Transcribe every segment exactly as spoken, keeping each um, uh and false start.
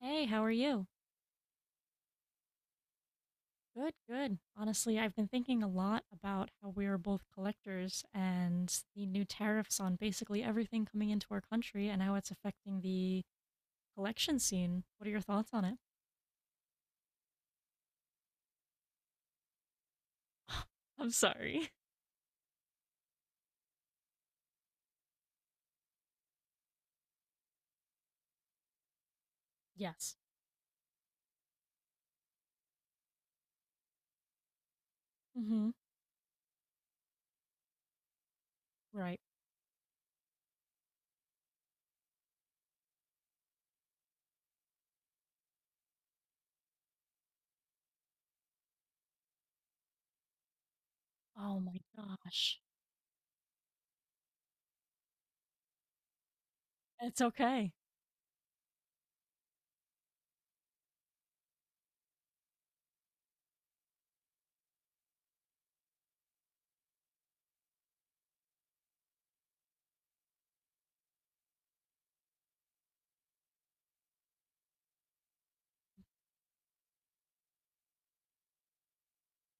Hey, how are you? Good, good. Honestly, I've been thinking a lot about how we are both collectors and the new tariffs on basically everything coming into our country and how it's affecting the collection scene. What are your thoughts on it? I'm sorry. Yes. Mm-hmm. Right. Oh my gosh. It's okay.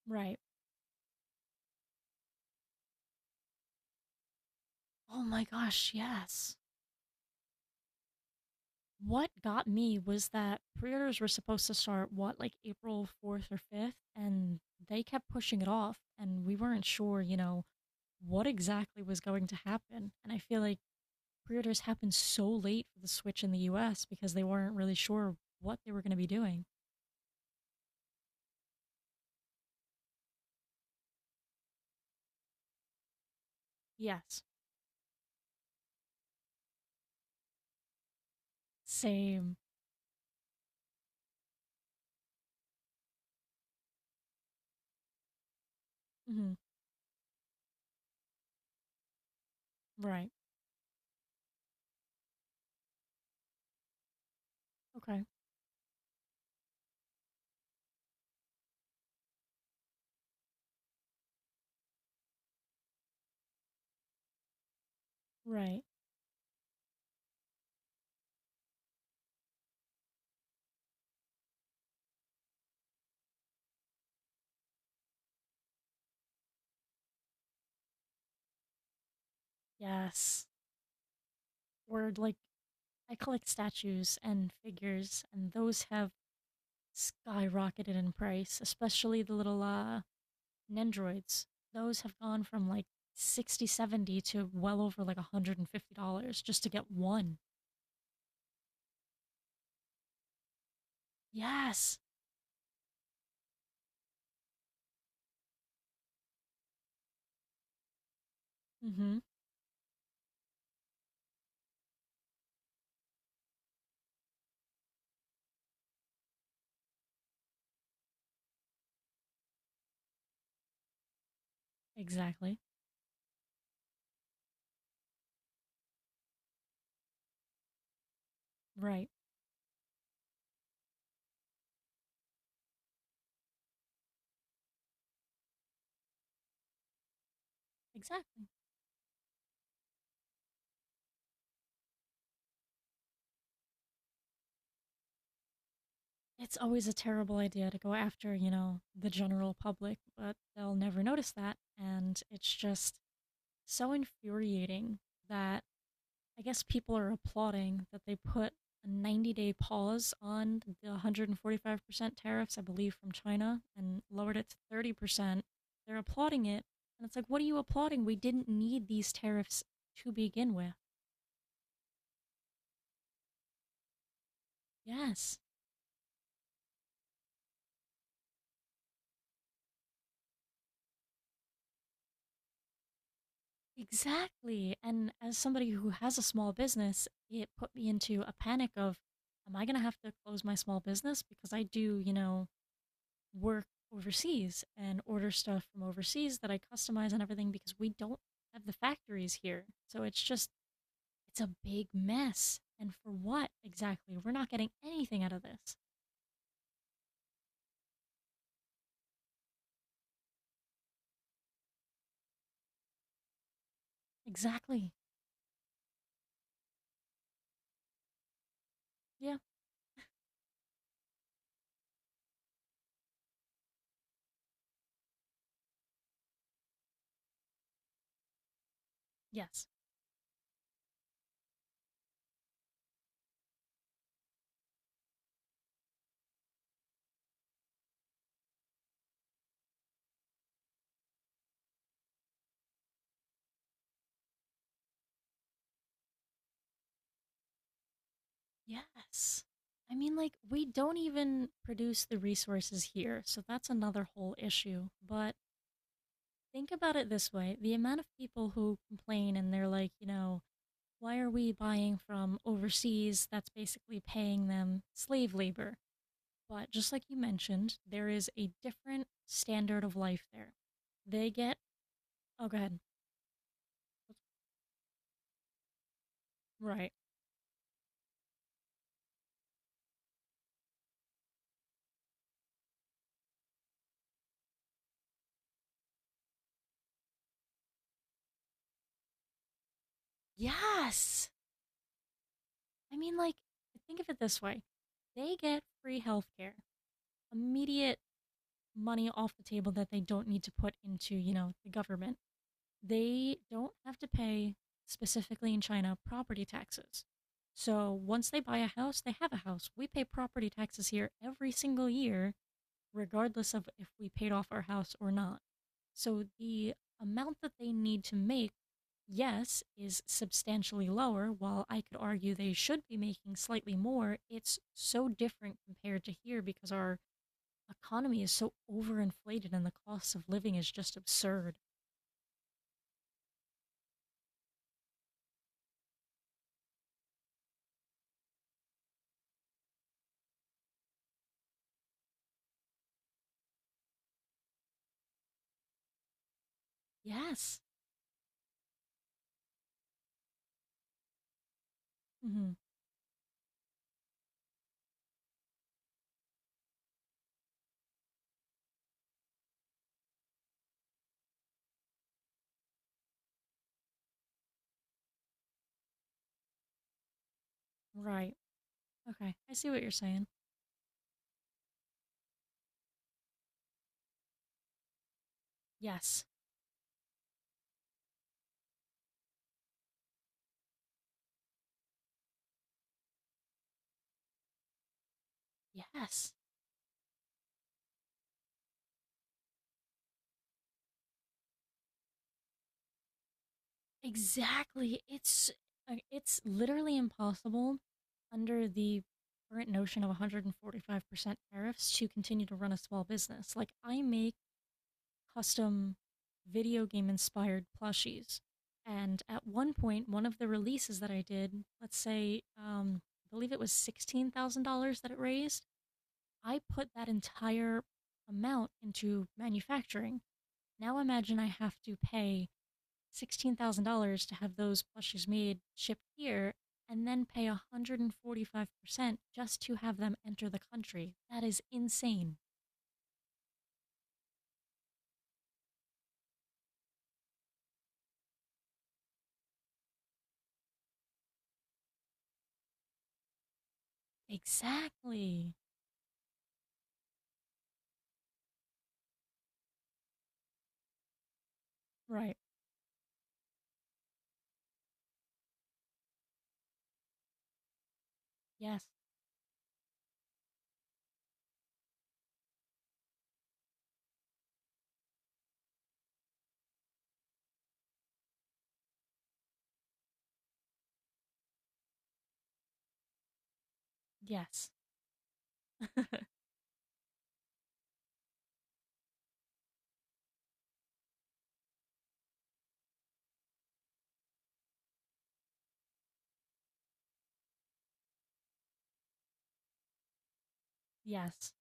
Right. Oh my gosh, yes. What got me was that pre-orders were supposed to start, what, like April fourth or fifth, and they kept pushing it off, and we weren't sure, you know, what exactly was going to happen. And I feel like pre-orders happened so late for the Switch in the U S because they weren't really sure what they were going to be doing. Yes. Same. Hmm. Right. Okay. Right. Yes. Or like I collect statues and figures and those have skyrocketed in price, especially the little uh Nendroids. Those have gone from like sixty, seventy to well over like one hundred fifty dollars just to get one. Yes. Hmm. Exactly. Right. Exactly. It's always a terrible idea to go after, you know, the general public, but they'll never notice that. And it's just so infuriating that I guess people are applauding that they put a ninety day pause on the one hundred forty-five percent tariffs, I believe, from China and lowered it to thirty percent. They're applauding it. And it's like, what are you applauding? We didn't need these tariffs to begin with. Yes. Exactly. And as somebody who has a small business, it put me into a panic of, am I going to have to close my small business? Because I do, you know, work overseas and order stuff from overseas that I customize and everything because we don't have the factories here. So it's just, it's a big mess. And for what exactly? We're not getting anything out of this. Exactly. Yeah. Yes. Yes. I mean, like, we don't even produce the resources here, so that's another whole issue. But think about it this way, the amount of people who complain and they're like, you know, why are we buying from overseas? That's basically paying them slave labor. But just like you mentioned, there is a different standard of life there. They get, oh, go ahead. Right. Yes. I mean, like, think of it this way, they get free healthcare, immediate money off the table that they don't need to put into, you know, the government. They don't have to pay, specifically in China, property taxes. So once they buy a house, they have a house. We pay property taxes here every single year, regardless of if we paid off our house or not. So the amount that they need to make, yes, is substantially lower. While I could argue they should be making slightly more, it's so different compared to here because our economy is so overinflated and the cost of living is just absurd. Yes. Hmm. Right. Okay. I see what you're saying. Yes. Yes. Exactly. It's uh, it's literally impossible under the current notion of one hundred forty-five percent tariffs to continue to run a small business. Like I make custom video game inspired plushies. And at one point, one of the releases that I did, let's say, um, I believe it was sixteen thousand dollars that it raised, I put that entire amount into manufacturing. Now imagine I have to pay sixteen thousand dollars to have those plushies made, shipped here, and then pay one hundred forty-five percent just to have them enter the country. That is insane. Exactly. Right. Yes. Yes. Yes.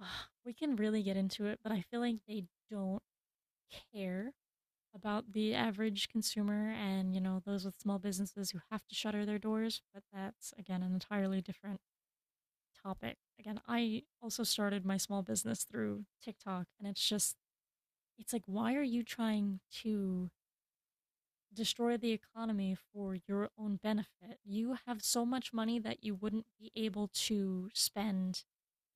Ugh, we can really get into it, but I feel like they don't care about the average consumer and, you know, those with small businesses who have to shutter their doors. But that's, again, an entirely different topic. Again, I also started my small business through TikTok, and it's just, it's like, why are you trying to destroy the economy for your own benefit? You have so much money that you wouldn't be able to spend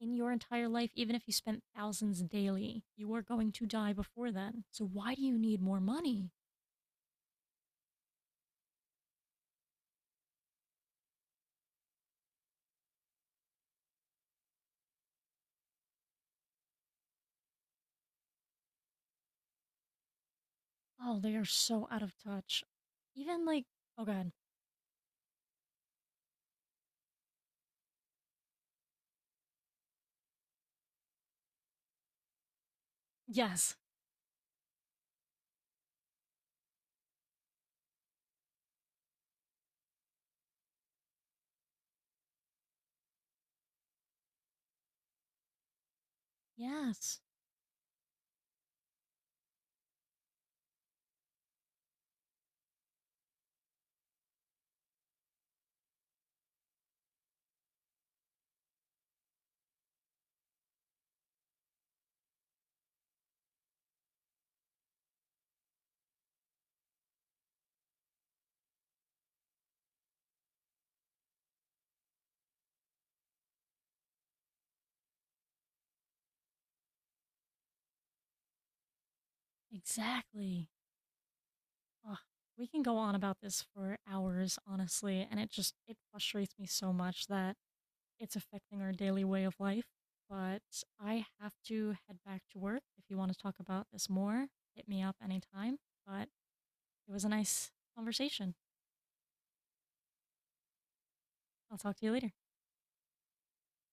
in your entire life, even if you spent thousands daily. You are going to die before then. So, why do you need more money? Oh, they are so out of touch. Even like, oh God. Yes. Yes. Exactly. Ugh. We can go on about this for hours, honestly, and it just it frustrates me so much that it's affecting our daily way of life. But I have to head back to work. If you want to talk about this more, hit me up anytime. But it was a nice conversation. I'll talk to you later.